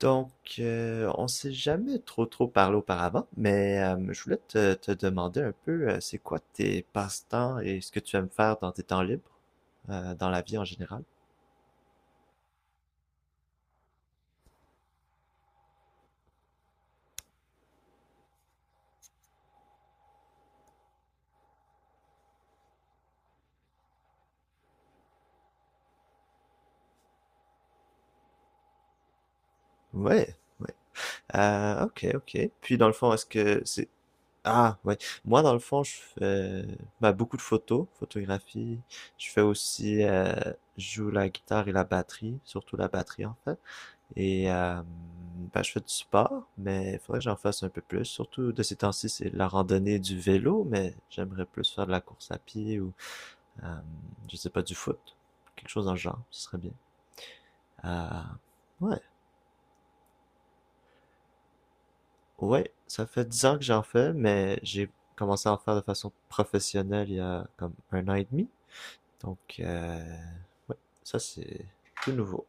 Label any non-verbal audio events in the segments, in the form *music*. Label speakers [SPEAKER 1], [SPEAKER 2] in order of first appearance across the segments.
[SPEAKER 1] On s'est jamais trop parlé auparavant, mais je voulais te demander un peu, c'est quoi tes passe-temps et ce que tu aimes faire dans tes temps libres, dans la vie en général? Ouais, ouais. Ok, ok. Puis dans le fond, est-ce que c'est... Ah, ouais. Moi, dans le fond, je fais beaucoup de photos, photographie. Je fais aussi, je joue la guitare et la batterie, surtout la batterie en fait. Et euh, je fais du sport, mais il faudrait que j'en fasse un peu plus. Surtout de ces temps-ci, c'est la randonnée du vélo, mais j'aimerais plus faire de la course à pied ou, euh, je sais pas, du foot. Quelque chose dans le genre, ce serait bien. Euh, ouais, ouais, ça fait 10 ans que j'en fais, mais j'ai commencé à en faire de façon professionnelle il y a comme 1 an et demi. Donc, euh, ouais, ça c'est tout nouveau.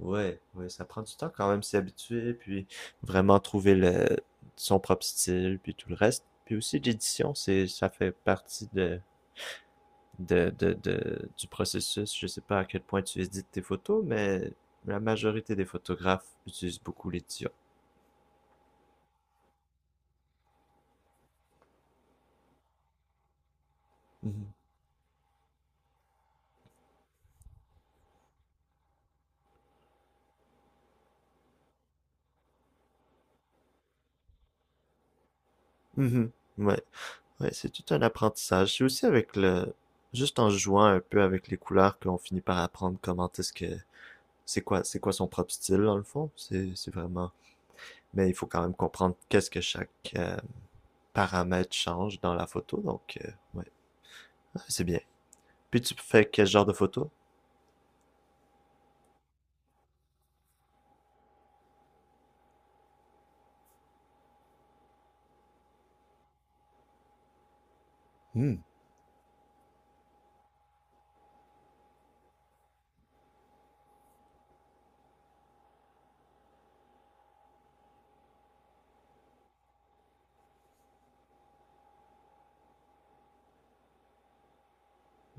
[SPEAKER 1] Ouais, ouais, ça prend du temps quand même s'y habituer, puis vraiment trouver le son propre style, puis tout le reste. Puis aussi l'édition, c'est ça fait partie du processus. Je sais pas à quel point tu édites tes photos, mais la majorité des photographes utilisent beaucoup l'édition. Mhm. Mhm. Ouais, ouais, c'est tout un apprentissage. C'est aussi avec le, juste en jouant un peu avec les couleurs qu'on finit par apprendre comment est-ce que, c'est quoi son propre style dans le fond. C'est vraiment mais il faut quand même comprendre qu'est-ce que chaque paramètre change dans la photo. Ah, c'est bien. Puis tu fais quel genre de photo? Hmm.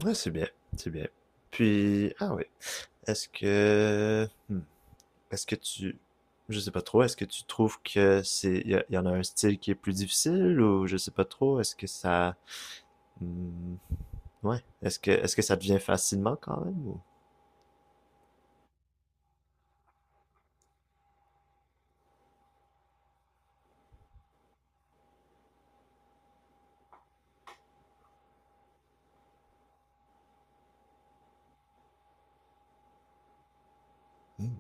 [SPEAKER 1] Ouais, c'est bien, c'est bien. Puis, ah oui, est-ce que, est-ce que je sais pas trop, est-ce que tu trouves que c'est, il y, y en a un style qui est plus difficile ou je sais pas trop, est-ce que ça, hmm, ouais, est-ce que ça devient facilement quand même ou? Hmm.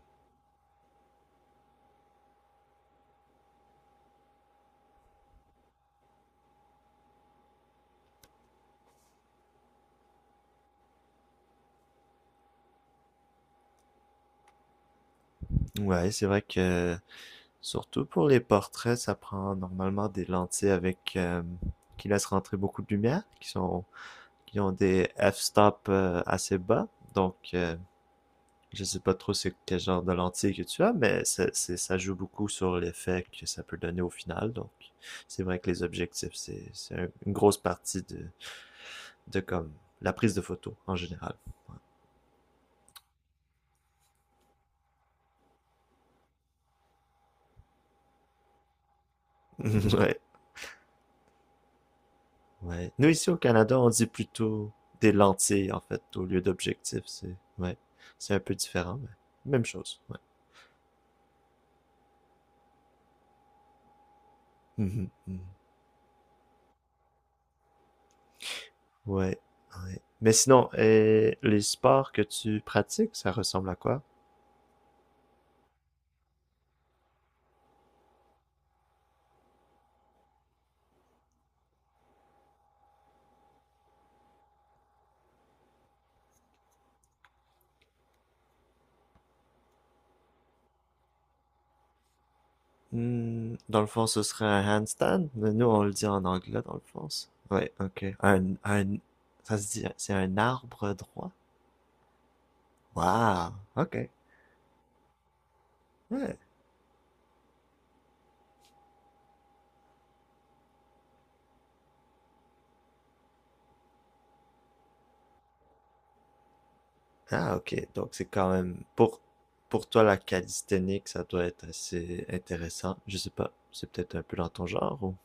[SPEAKER 1] Ouais, c'est vrai que surtout pour les portraits, ça prend normalement des lentilles avec qui laissent rentrer beaucoup de lumière, qui ont des f-stop assez bas. Donc euh, je sais pas trop c'est quel genre de lentille que tu as, mais ça joue beaucoup sur l'effet que ça peut donner au final. Donc c'est vrai que les objectifs, c'est une grosse partie de comme la prise de photo en général. *laughs* Ouais. Ouais. Nous, ici au Canada, on dit plutôt des lentilles, en fait, au lieu d'objectif. C'est ouais. C'est un peu différent, mais même chose. Ouais. Mhm, mhm. Ouais, ouais. Mais sinon, et les sports que tu pratiques, ça ressemble à quoi? Hmm, dans le fond, ce serait un handstand, mais nous, on le dit en anglais, dans le fond. Ça. Ouais, ok. Ça se dit, c'est un arbre droit? Wow, ok. Ouais, ah, ok. Donc, c'est quand même, pour toi, la calisthénie, ça doit être assez intéressant. Je sais pas. C'est peut-être un peu dans ton genre ou?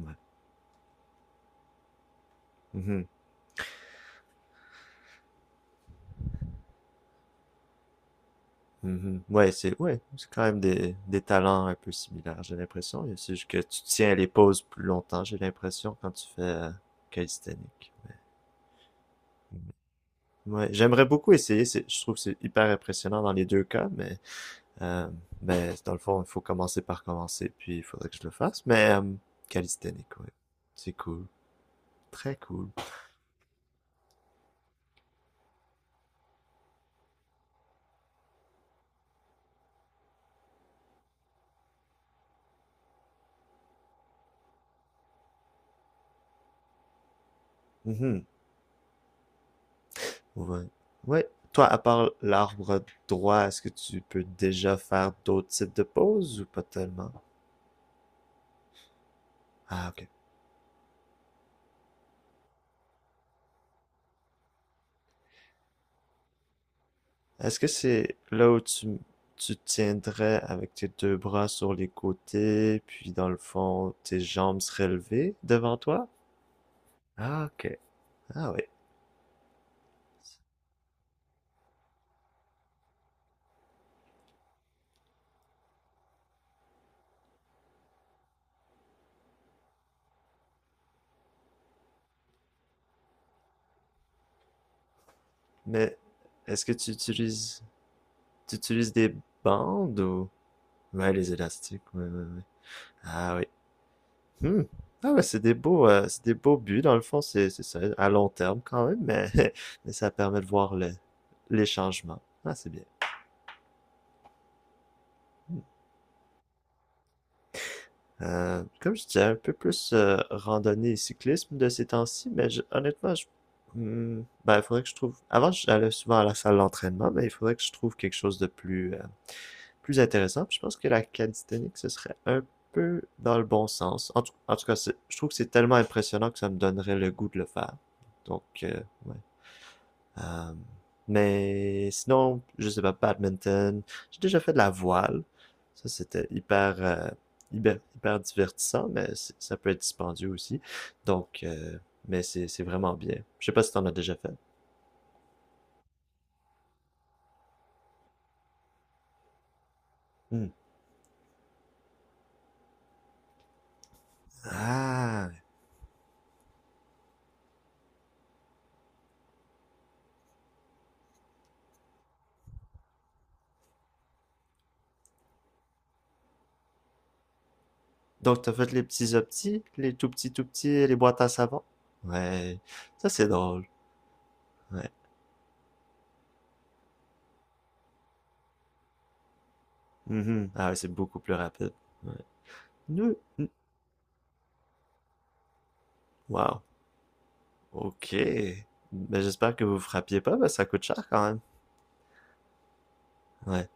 [SPEAKER 1] Ouais. Mhm, mhm. Ouais, c'est quand même des talents un peu similaires, j'ai l'impression. C'est juste que tu tiens les pauses plus longtemps, j'ai l'impression, quand tu fais calisthénique. Ouais, j'aimerais beaucoup essayer. Je trouve que c'est hyper impressionnant dans les deux cas, euh, mais dans le fond, il faut commencer par commencer, puis il faudrait que je le fasse. Mais, calisthénique, ouais. C'est cool. Très cool. Mhm. Ouais. Ouais. Toi, à part l'arbre droit, est-ce que tu peux déjà faire d'autres types de poses ou pas tellement? Ah, ok. Est-ce que c'est là où Tu tiendrais avec tes deux bras sur les côtés, puis dans le fond, tes jambes seraient levées devant toi? Ah, ok. Ah, oui. Mais est-ce que tu utilises des bandes ou? Ouais, les élastiques, ouais, ouais, ouais. Ah, oui. Hmm. Ah ouais, c'est des beaux buts, dans le fond, c'est ça, à long terme quand même, mais, *laughs* mais ça permet de voir les changements. Ah, c'est bien. Hmm. Comme je disais, un peu plus randonnée et cyclisme de ces temps-ci, mais honnêtement, il faudrait que je trouve. Avant, j'allais souvent à la salle d'entraînement, mais il faudrait que je trouve quelque chose de plus, plus intéressant. Puis je pense que la calisthénique, ce serait un peu dans le bon sens. En tout cas, je trouve que c'est tellement impressionnant que ça me donnerait le goût de le faire. Donc, euh, ouais. Euh, mais sinon, je sais pas, badminton. J'ai déjà fait de la voile. Ça, c'était hyper, hyper, hyper divertissant, mais ça peut être dispendieux aussi. Donc, euh, mais c'est vraiment bien. Je sais pas si t'en as déjà fait. Hmm. Ah, donc t'as fait les petits optis, les tout petits, les boîtes à savon. Ouais, ça c'est drôle. Ouais. Mhm. Ah ouais, c'est beaucoup plus rapide. Ouais. Hmm. Wow. Ok. Mais j'espère que vous frappiez pas, parce que ça coûte cher quand même. Ouais,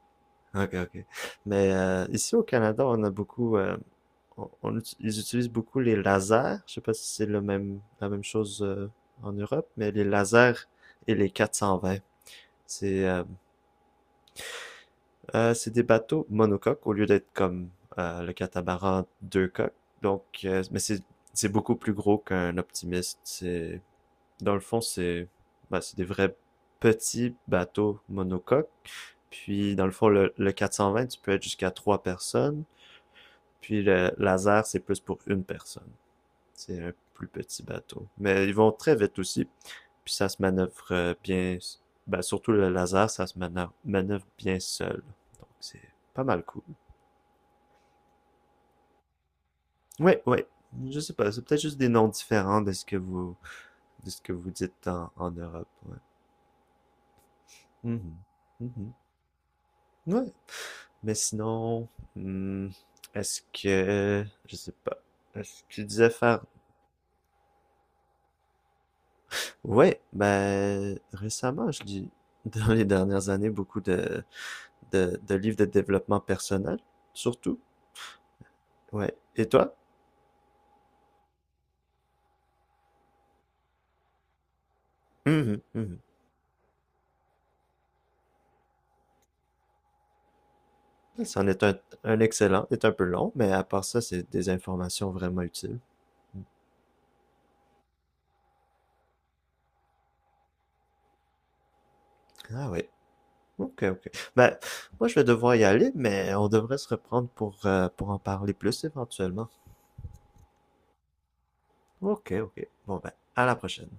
[SPEAKER 1] ok, ok. Mais ici au Canada, on a beaucoup, ils utilisent beaucoup les lasers. Je sais pas si c'est le même, la même chose en Europe, mais les lasers et les 420, c'est euh, c'est des bateaux monocoques au lieu d'être comme le catamaran 2 coques. Mais c'est beaucoup plus gros qu'un optimiste. C'est dans le fond, c'est bah, c'est des vrais petits bateaux monocoques. Puis, dans le fond, le 420, tu peux être jusqu'à 3 personnes. Puis le laser, c'est plus pour une personne. C'est un plus petit bateau. Mais ils vont très vite aussi. Puis ça se manœuvre bien. Ben, surtout le laser, manœuvre bien seul. Donc c'est pas mal cool. Oui, oui. Je sais pas. C'est peut-être juste des noms différents de ce que vous, de ce que vous dites en Europe. Ouais. Mhm. Mhm. Ouais. Mais sinon, hmm, est-ce que. Je sais pas. Est-ce que tu disais faire ouais, ben récemment, je lis *laughs* dans les dernières années beaucoup de livres de développement personnel, surtout. Ouais. Et toi? Mhm, mhm. C'en est un excellent, est un peu long, mais à part ça, c'est des informations vraiment utiles. Ah oui. Ok, ok. Ben, moi, je vais devoir y aller, mais on devrait se reprendre pour en parler plus éventuellement. Ok, ok. Bon, ben, à la prochaine.